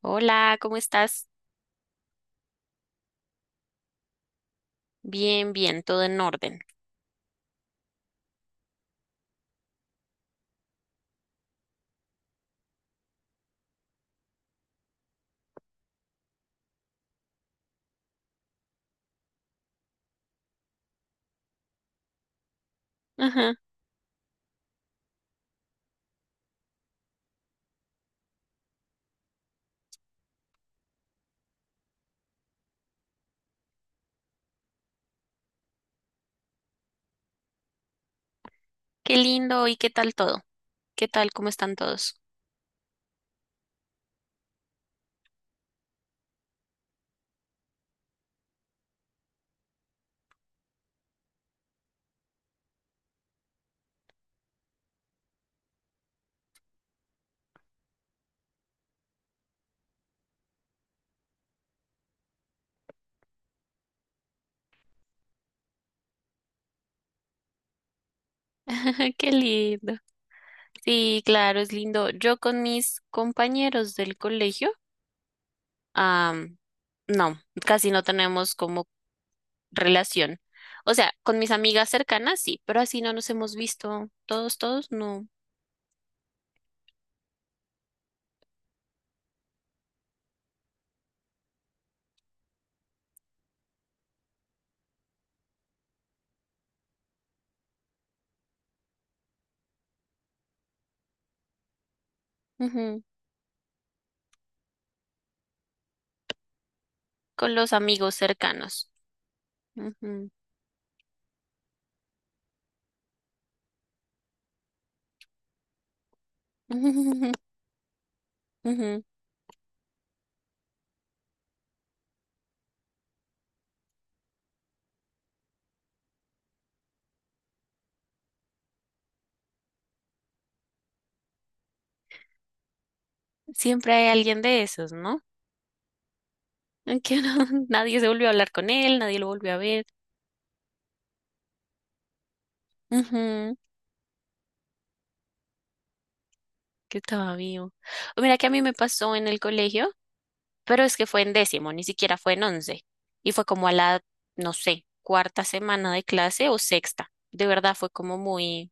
Hola, ¿cómo estás? Bien, bien, todo en orden. Ajá, qué lindo. ¿Y qué tal todo? ¿Qué tal? ¿Cómo están todos? Ajá, qué lindo. Sí, claro, es lindo. Yo con mis compañeros del colegio, am, no, casi no tenemos como relación. O sea, con mis amigas cercanas sí, pero así no nos hemos visto todos, todos, no. Ujú. Con los amigos cercanos. Ujú. Ujú. Siempre hay alguien de esos, ¿no? Que no- Nadie se volvió a hablar con él, nadie lo volvió a ver. Ujú. Que estaba vivo. O Mira que a mí me pasó en el colegio, pero es que fue en décimo, ni siquiera fue en once. Y fue como a la, no sé, cuarta semana de clase o sexta. De verdad fue como muy,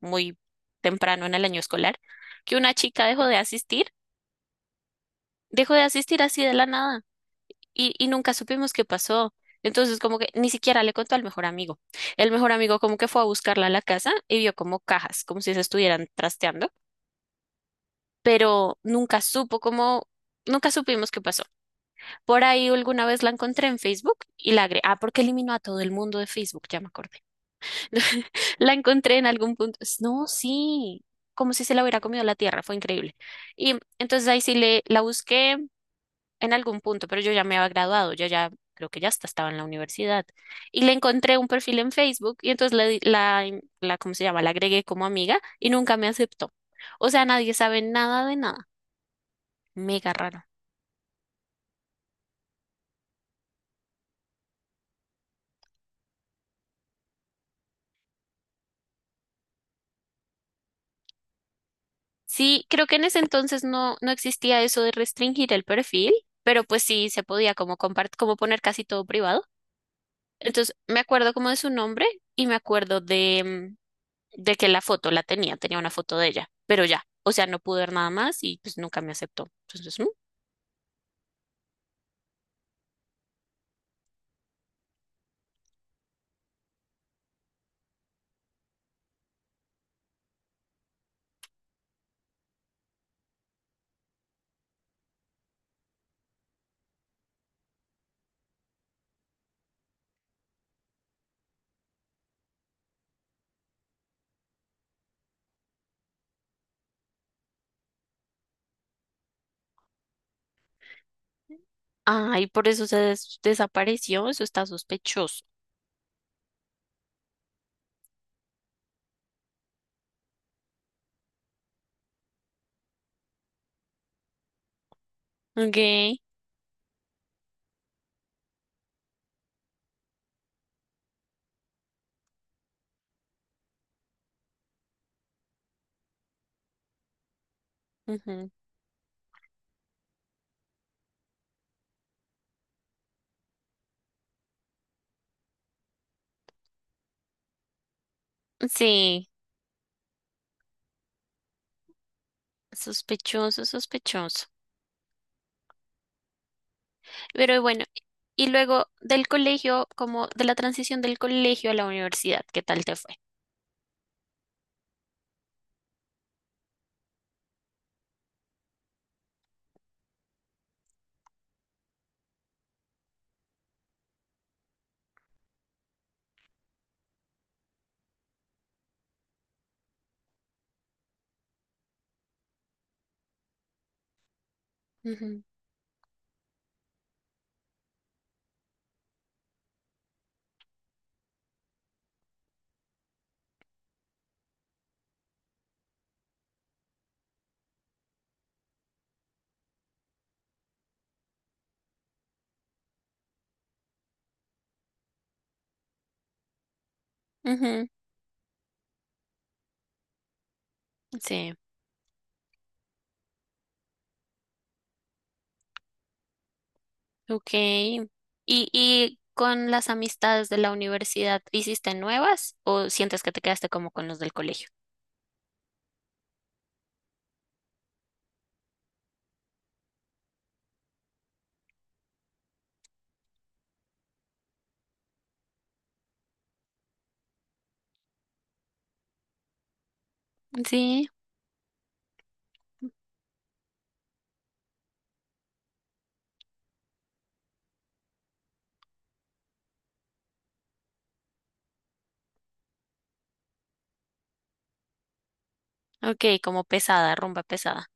muy temprano en el año escolar, que una chica dejó de asistir así de la nada y nunca supimos qué pasó. Entonces como que ni siquiera le contó al mejor amigo. El mejor amigo como que fue a buscarla a la casa y vio como cajas, como si se estuvieran trasteando, pero nunca supo cómo, nunca supimos qué pasó. Por ahí alguna vez la encontré en Facebook y la agregué. Ah, porque eliminó a todo el mundo de Facebook, ya me acordé. La encontré en algún punto. No, sí, como si se la hubiera comido la tierra, fue increíble. Y entonces ahí sí la busqué en algún punto, pero yo ya me había graduado, yo ya creo que ya hasta estaba en la universidad. Y le encontré un perfil en Facebook y entonces la, ¿cómo se llama? La agregué como amiga y nunca me aceptó. O sea, nadie sabe nada de nada. Mega raro. Sí, creo que en ese entonces no, no existía eso de restringir el perfil, pero pues sí se podía como como poner casi todo privado. Entonces me acuerdo como de su nombre y me acuerdo de que la foto la tenía una foto de ella, pero ya, o sea, no pude ver nada más y pues nunca me aceptó. Entonces, mm. Ay, por eso se desapareció, eso está sospechoso. Ok. Ujú. Sí, sospechoso, sospechoso. Pero bueno, y luego del colegio, como de la transición del colegio a la universidad, ¿qué tal te fue? Ujú. Ujú. Sí. Ok. Y con las amistades de la universidad, hiciste nuevas o sientes que te quedaste como con los del colegio? Sí. Ok, como pesada, rumba pesada.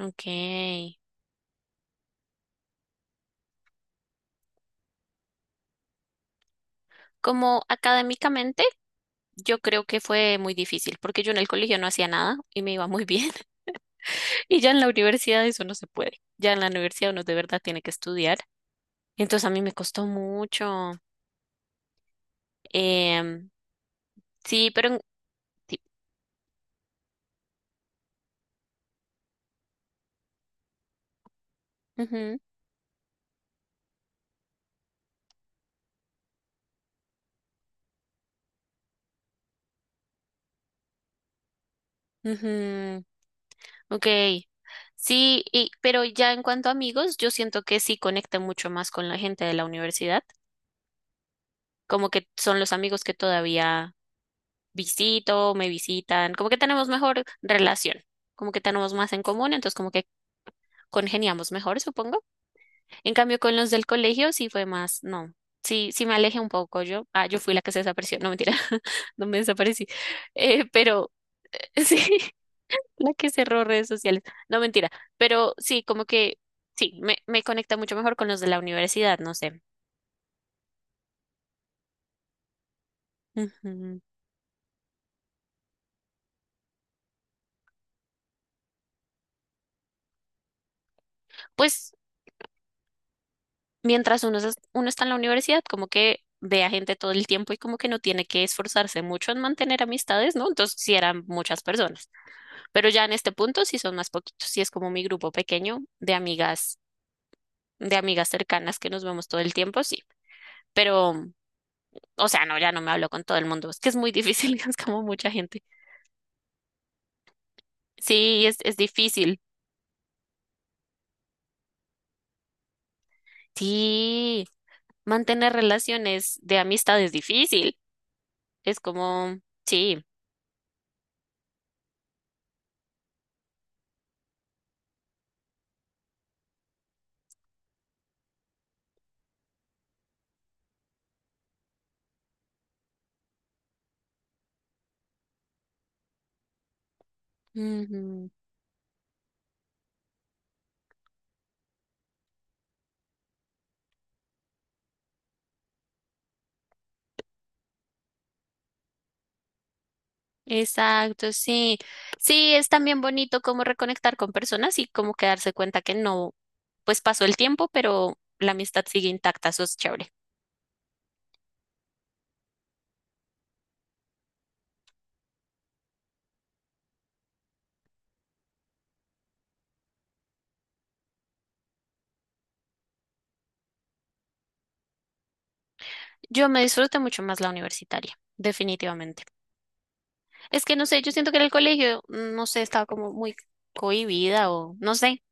Ok. Como académicamente, yo creo que fue muy difícil, porque yo en el colegio no hacía nada y me iba muy bien. Y ya en la universidad eso no se puede. Ya en la universidad uno de verdad tiene que estudiar. Entonces a mí me costó mucho. Em, sí, pero, sí, ujú, ujú, ok. Sí, y, pero ya en cuanto a amigos, yo siento que sí conecta mucho más con la gente de la universidad. Como que son los amigos que todavía visito, me visitan, como que tenemos mejor relación, como que tenemos más en común, entonces como que congeniamos mejor, supongo. En cambio, con los del colegio sí fue más, no, sí, sí me alejé un poco yo. Ah, yo fui la que se desapareció, no mentira, no me desaparecí, pero sí, la que cerró redes sociales, no mentira, pero sí, como que sí, me conecta mucho mejor con los de la universidad, no sé. Ujú. Pues mientras uno, uno está en la universidad, como que ve a gente todo el tiempo y como que no tiene que esforzarse mucho en mantener amistades, ¿no? Entonces sí eran muchas personas, pero ya en este punto sí son más poquitos, sí es como mi grupo pequeño de amigas cercanas que nos vemos todo el tiempo, sí, pero, o sea, no, ya no me hablo con todo el mundo, es que es muy difícil, es como mucha gente. Sí, es difícil. Sí, mantener relaciones de amistad es difícil, es como, sí. Ujú. Exacto, sí. Sí, es también bonito como reconectar con personas y como que darse cuenta que no, pues pasó el tiempo, pero la amistad sigue intacta, eso es chévere. Yo me disfruté mucho más la universitaria, definitivamente. Es que no sé, yo siento que en el colegio, no sé, estaba como muy cohibida o no sé.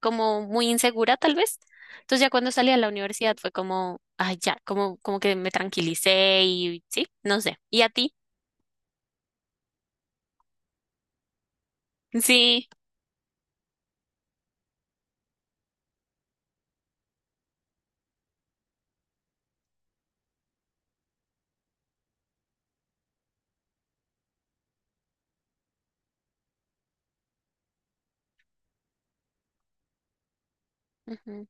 Como muy insegura tal vez. Entonces ya cuando salí a la universidad fue como, ay, ya, como, como que me tranquilicé y sí, no sé. ¿Y a ti? Sí. Ujú.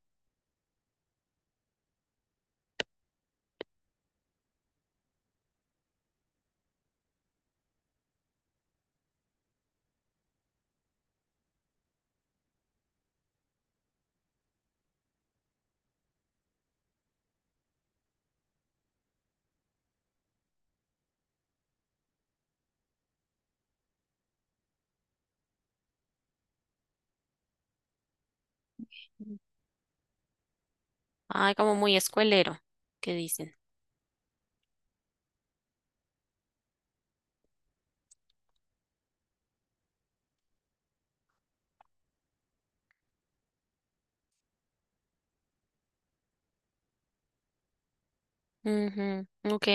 Ay, como muy escuelero, que dicen. Ujú. Ok,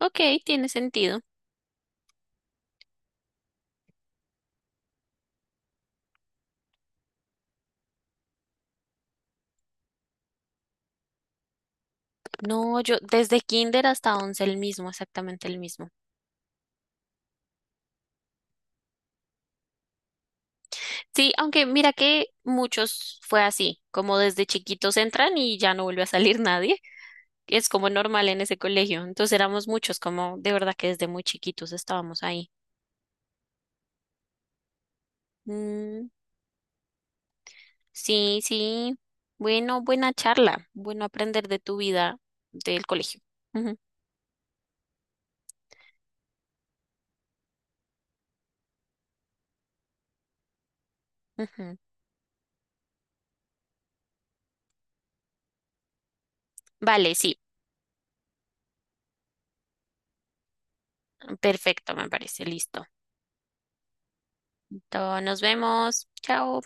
ok, tiene sentido. No, yo desde kinder hasta once el mismo, exactamente el mismo. Sí, aunque mira que muchos fue así, como desde chiquitos entran y ya no vuelve a salir nadie. Es como normal en ese colegio. Entonces éramos muchos, como de verdad que desde muy chiquitos estábamos ahí. Mm, sí, sí. Bueno, buena charla. Bueno aprender de tu vida del colegio. Ujú, ujú. Vale, sí. Perfecto, me parece. Listo. Entonces, nos vemos. Chao.